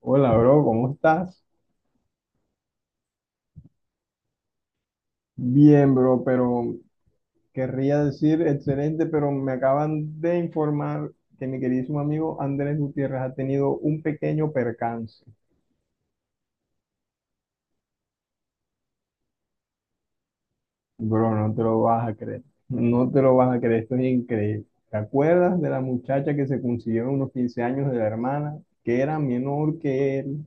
Hola, bro, ¿cómo estás? Bien, bro, pero querría decir excelente, pero me acaban de informar que mi queridísimo amigo Andrés Gutiérrez ha tenido un pequeño percance. Bro, no te lo vas a creer, no te lo vas a creer, esto es increíble. ¿Te acuerdas de la muchacha que se consiguieron unos 15 años de la hermana, que era menor que él?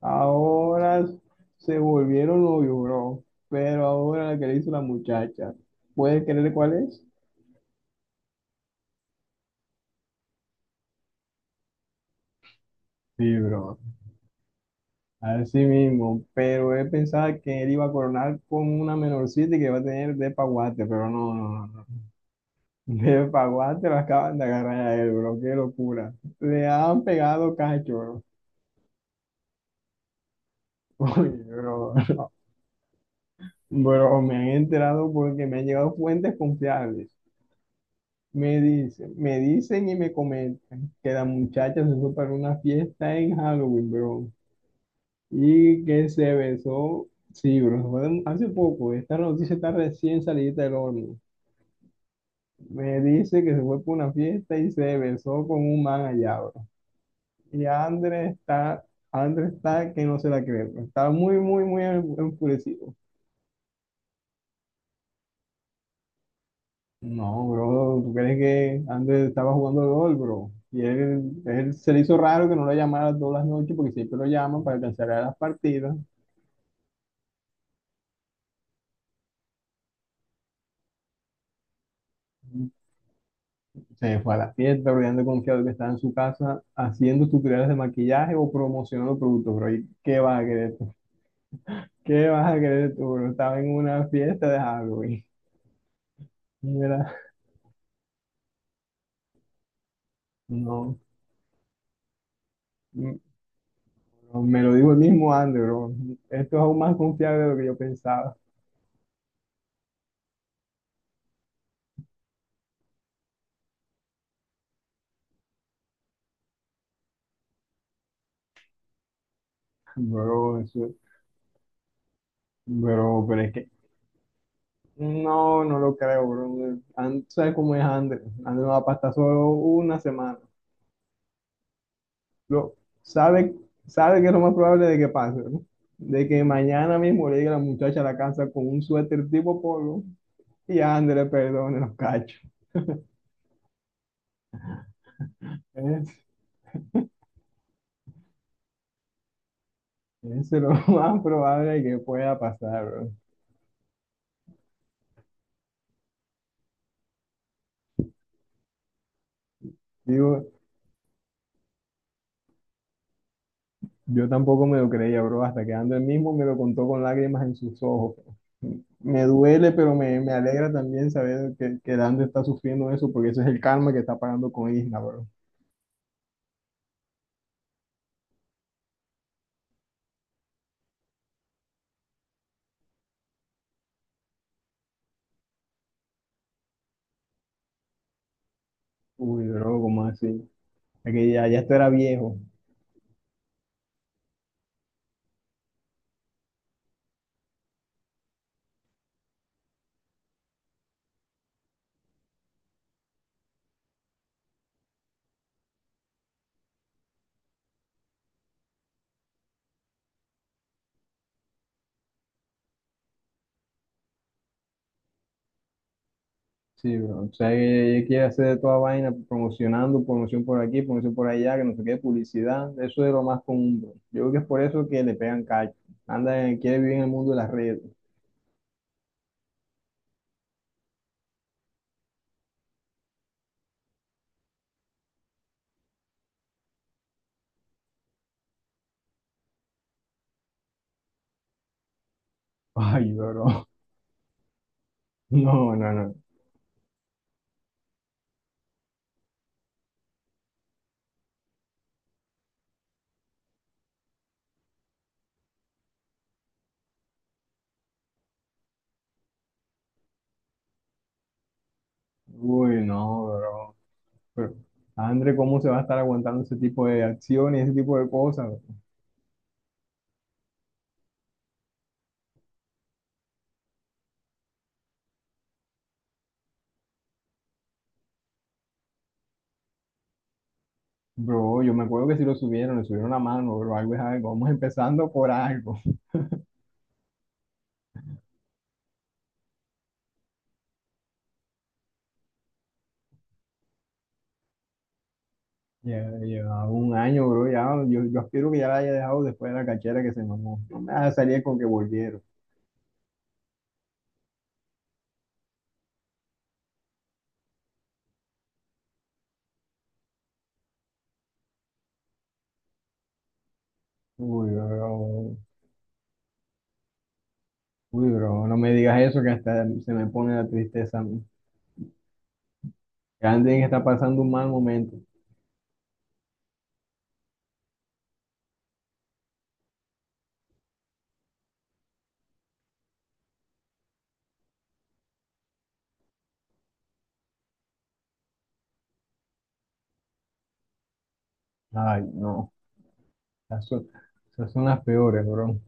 Ahora se volvieron novios, bro, pero ahora la que le hizo la muchacha, ¿puedes creer cuál es? Sí, bro. Así mismo, pero él pensaba que él iba a coronar con una menorcita y que iba a tener de paguate, pero no, no, no. No. De paguate lo acaban de agarrar a él, bro, qué locura. Le han pegado cacho, bro. Oye, bro, bro, me han enterado porque me han llegado fuentes confiables. Me dicen y me comentan que la muchacha se fue para una fiesta en Halloween, bro, y que se besó, sí, bro, fue hace poco, esta noticia está recién salida del horno. Me dice que se fue por una fiesta y se besó con un man allá, bro. Y Andrés está, Andrés está que no se la cree, bro. Está muy, muy, muy enfurecido. No, bro, ¿tú crees que Andrés estaba jugando LOL, bro? Y él se le hizo raro que no lo llamara todas las noches porque siempre lo llaman para cancelar las partidas. Se fue a la fiesta, bro, y anda confiado que estaba en su casa haciendo tutoriales de maquillaje o promocionando productos, bro. ¿Y qué vas a querer tú? ¿Qué vas a querer tú, bro? Estaba en una fiesta de Halloween. Mira, no, m- me lo digo el mismo Andy, bro. Esto es aún más confiable de lo que yo pensaba, bro. Bro, pero es que no, no lo creo, bro. And, ¿sabes cómo es Andrew? Andrew va a pasar solo una semana. Lo, sabe, sabe que es lo más probable de que pase, bro. De que mañana mismo le llegue la muchacha a la casa con un suéter tipo polo y Andrew le perdone los cachos. Es, Eso es lo más probable que pueda pasar, bro. Digo. Yo tampoco me lo creía, bro, hasta que Ando él mismo me lo contó con lágrimas en sus ojos. Me duele, pero me alegra también saber que Ando está sufriendo eso, porque ese es el karma que está pagando con Isla, bro. Uy, bro, ¿cómo así? Es que ya esto era viejo. Sí, bro. O sea, que ella quiere hacer de toda vaina, promocionando, promoción por aquí, promoción por allá, que no sé qué, publicidad. Eso es lo más común, bro. Yo creo que es por eso que le pegan cacho. Anda, quiere vivir en el mundo de las redes. Ay, bro. No, no, no. Uy, no, bro. Pero, Andre, ¿cómo se va a estar aguantando ese tipo de acciones, ese tipo de cosas? Bro, yo me acuerdo que si lo subieron, le subieron la mano, bro, algo es algo. Vamos empezando por algo. Ya llevaba un año, bro, ya, yo aspiro que ya la haya dejado después de la cachera que se mamó. No me vas a salir con que volvieron. Uy, bro, uy, bro, no me digas eso que hasta se me pone la tristeza a mí. Andre está pasando un mal momento. Ay, no, esas son, esas son las peores, bro.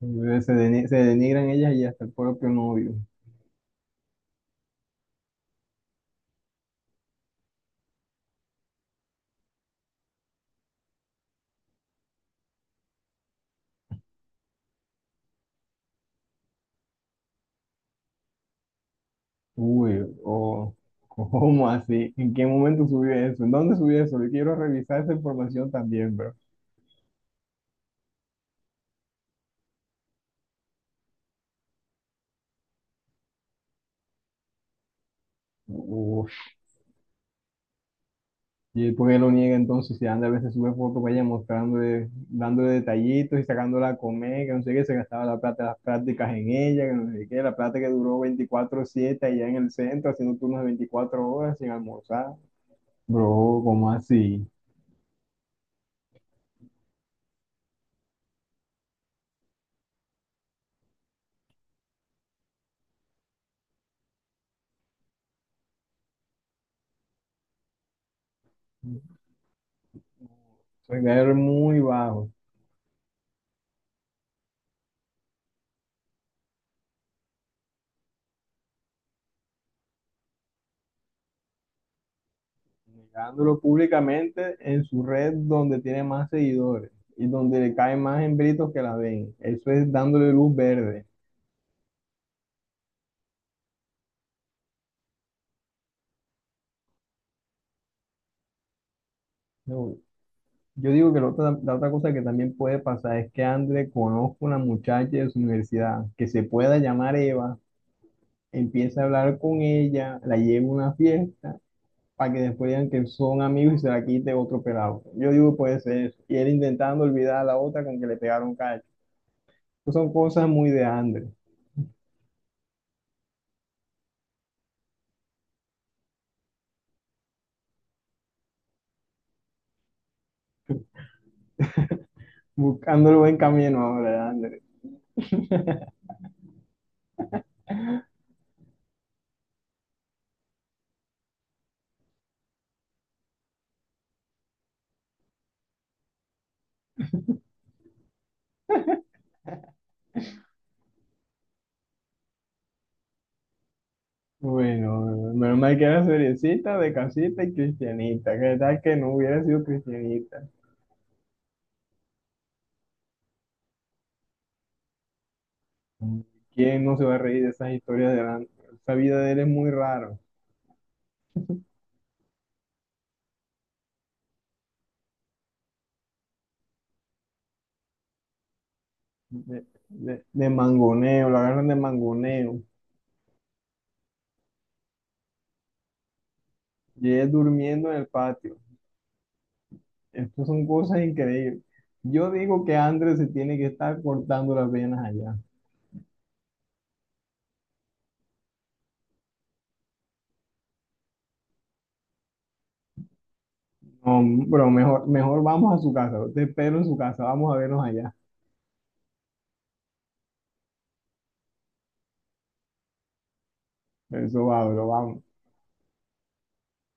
Se, se denigran ellas y hasta el propio novio. Uy, o ¿cómo así? ¿En qué momento subió eso? ¿En dónde subió eso? Yo quiero revisar esa información también, bro. Uf, ¿y por qué lo niega entonces? Si anda a veces sube fotos, vaya mostrando, dándole detallitos y sacándola a comer, que no sé qué, se gastaba la plata, las prácticas en ella, que no sé qué, la plata que duró 24/7 allá en el centro, haciendo turnos de 24 horas sin almorzar. Bro, ¿cómo así? Soy muy bajo. Negándolo públicamente en su red donde tiene más seguidores y donde le caen más hembritos que la ven. Eso es dándole luz verde. No, yo digo que la otra cosa que también puede pasar es que André conozca una muchacha de su universidad que se pueda llamar Eva, empiece a hablar con ella, la lleve a una fiesta para que después digan que son amigos y se la quite otro pelado. Yo digo puede ser eso. Y él intentando olvidar a la otra con que le pegaron cacho. Pues son cosas muy de André. Buscándolo buen camino ahora, de André. Bueno, menos mal que era seriecita, de casita y cristianita. ¿Qué tal que no hubiera sido cristianita? ¿Quién no se va a reír de esas historias de la... Esa vida de él es muy raro. De, de mangoneo, lo agarran de mangoneo. Y él durmiendo en el patio. Estas son cosas increíbles. Yo digo que Andrés se tiene que estar cortando las venas allá. No, bro, mejor, mejor vamos a su casa. Te espero en su casa. Vamos a vernos allá. Eso va, bro, vamos.